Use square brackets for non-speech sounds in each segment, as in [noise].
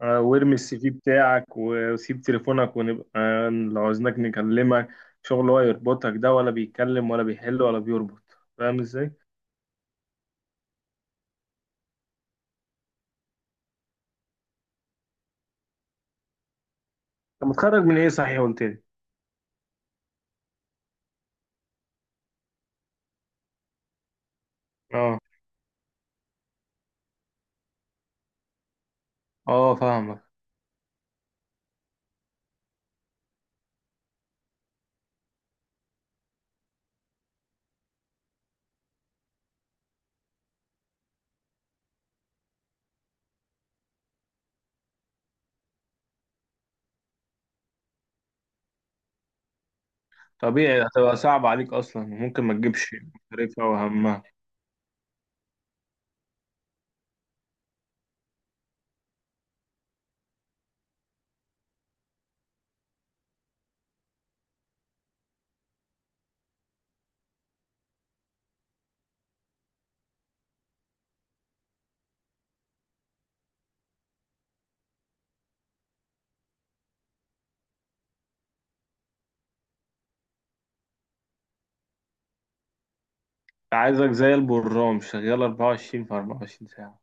وارمي السي في بتاعك وسيب تليفونك ونبقى، لو عاوزناك نكلمك. شغل هو يربطك ده ولا بيتكلم ولا بيحل ولا بيربط؟ فاهم ازاي؟ طب متخرج من ايه صحيح قلت لي؟ اه اه، فاهمك. طبيعي هتبقى صعب عليك اصلا، ممكن ما تجيبش مصاريفها وهمها. عايزك زي البرام شغال 24 في 24 ساعة.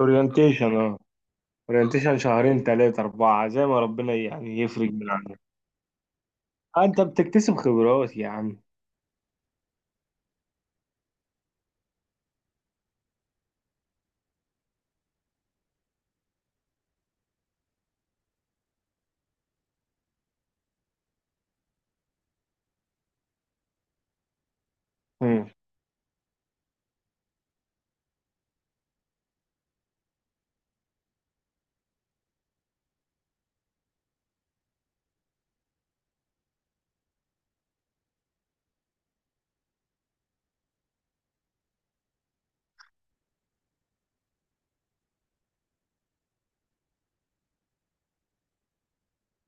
اورينتيشن اه اورينتيشن شهرين ثلاثة أربعة زي ما ربنا يعني يفرق من عندك. انت بتكتسب خبرات يا عم. مم.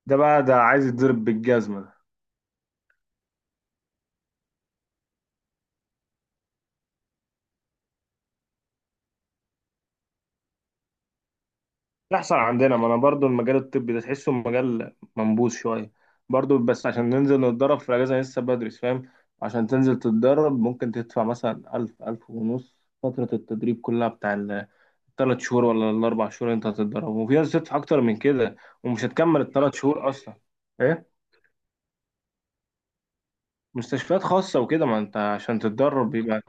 ده بقى، ده عايز يتضرب بالجزمة. ده يحصل عندنا، ما انا برضو المجال الطبي ده تحسه مجال منبوذ شوية برضو، بس عشان ننزل نتدرب في الأجازة لسه بدري فاهم. عشان تنزل تتدرب ممكن تدفع مثلا ألف، ألف ونص. فترة التدريب كلها بتاع التلات شهور ولا الأربع شهور اللي أنت هتتدرب، وفي ناس تدفع أكتر من كده. ومش هتكمل التلات شهور أصلا. إيه؟ مستشفيات خاصة وكده، ما أنت عشان تتدرب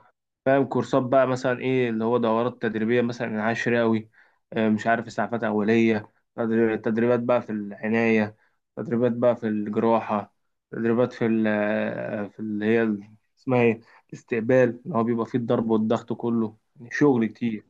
فاهم. كورسات بقى مثلا ايه، اللي هو دورات تدريبيه، مثلا عشراوي، مش عارف، اسعافات اوليه، تدريبات بقى في العنايه، تدريبات بقى في الجراحه، تدريبات في في اللي هي اسمها ايه، الاستقبال، اللي هو بيبقى فيه الضرب والضغط كله، يعني شغل كتير.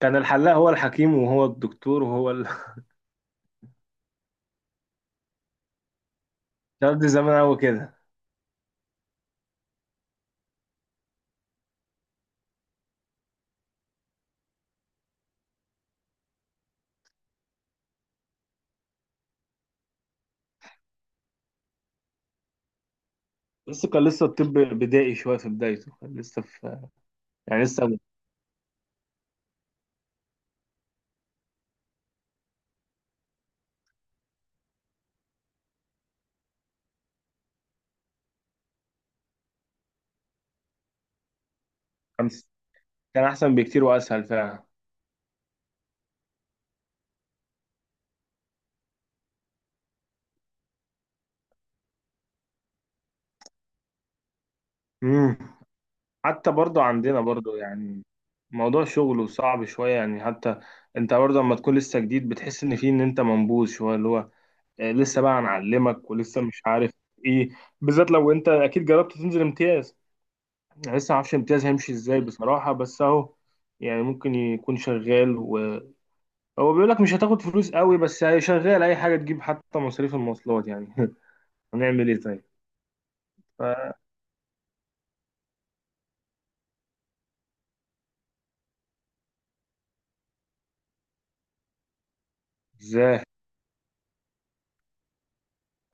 كان الحلاق هو الحكيم وهو الدكتور وهو ال... [laughs] الكلام ده زمان قوي كده. بس كان لسه الطب بدائي شويه في بدايته، كان لسه في، يعني لسه، خمس. كان احسن بكتير واسهل فعلا. مم. حتى برضو عندنا برضو يعني موضوع شغله صعب شوية يعني، حتى انت برضو لما تكون لسه جديد بتحس ان فيه، ان انت منبوذ شوية، اللي هو لسه بقى هنعلمك، ولسه مش عارف ايه. بالذات لو انت اكيد جربت تنزل امتياز. يعني لسه معرفش امتياز هيمشي ازاي بصراحة، بس اهو. يعني ممكن يكون شغال، وهو بيقول لك مش هتاخد فلوس قوي، بس هي شغال، اي حاجة تجيب حتى مصاريف المواصلات يعني. [laughs] هنعمل ايه طيب. ازاي؟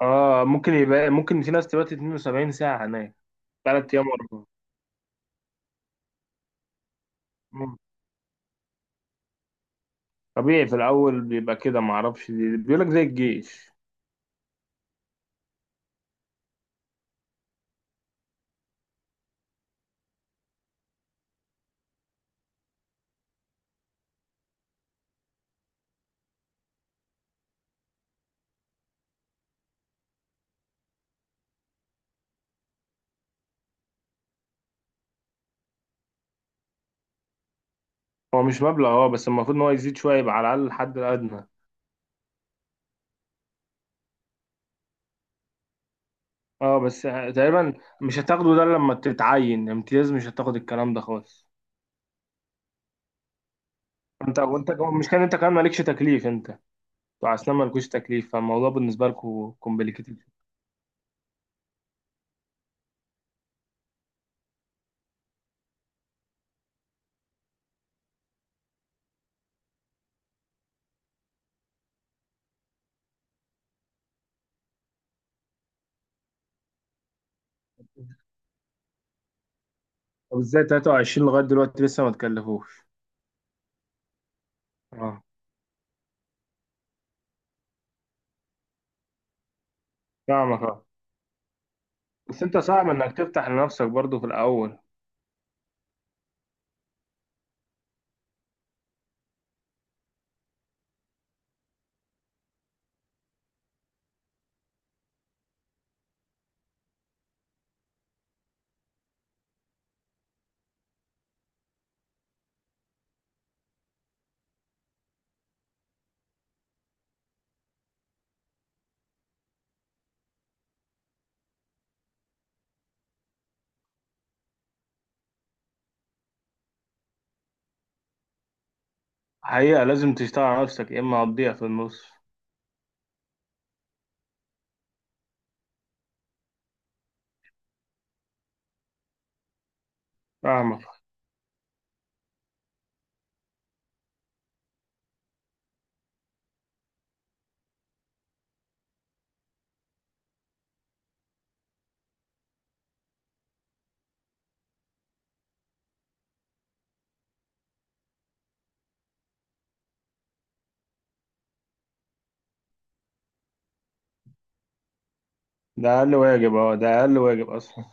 اه، ممكن في ناس تبات 72 ساعة هناك، 3 ايام ورا. مم. طبيعي في الاول بيبقى كده، معرفش دي، بيقول لك زي الجيش. هو مش مبلغ، اه، بس المفروض ان هو يزيد شويه، يبقى على الاقل الحد الادنى. اه بس تقريبا. مش هتاخده ده، لما تتعين امتياز مش هتاخد الكلام ده خالص. انت مش كان انت كمان مالكش تكليف؟ انت بتوع اسنان مالكوش تكليف، فالموضوع بالنسبه لكم كومبليكيتد. طب ازاي 23 لغايه دلوقتي لسه ما تكلفوش؟ اه فاهمك اه. بس انت صعب انك تفتح لنفسك برضو في الاول. حقيقه لازم تشتغل على نفسك، يا اما هتضيع في النص. فاهمك. ده اقل واجب، اه، ده اقل واجب اصلا.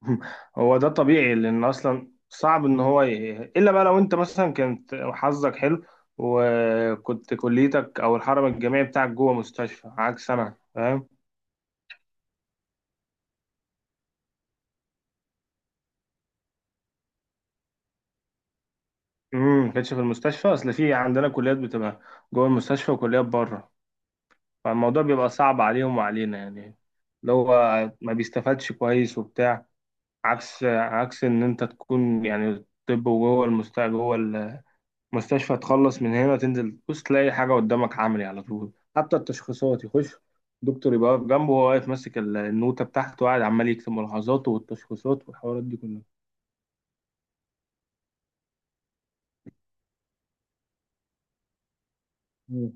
[laughs] هو ده طبيعي، لان اصلا صعب ان هو ي... الا بقى لو انت مثلا كانت حظك حلو، وكنت كليتك او الحرم الجامعي بتاعك جوه مستشفى، عكس انا فاهم. ما كانتش في المستشفى. اصل في عندنا كليات بتبقى جوه المستشفى وكليات بره، فالموضوع بيبقى صعب عليهم وعلينا يعني، اللي هو ما بيستفادش كويس وبتاع. عكس ان انت تكون يعني طب وجوه المستشفى، جوه مستشفى، تخلص من هنا تنزل تبص تلاقي حاجة قدامك عملي على طول. حتى التشخيصات يخش دكتور يبقى واقف جنبه، وهو واقف ماسك النوتة بتاعته وقاعد عمال يكتب ملاحظاته والتشخيصات والحوارات دي كلها. مم.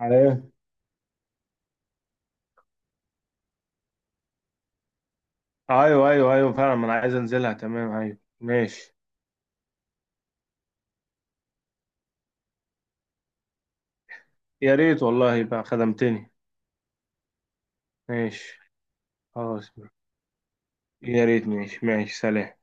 على ايه؟ أيوه أيوه أيوه، فعلا ما أنا عايز أنزلها، تمام، أيوه ماشي. يا ريت والله، يبقى خدمتني. ماشي. خلاص. يا ريت، ماشي ماشي، سلام.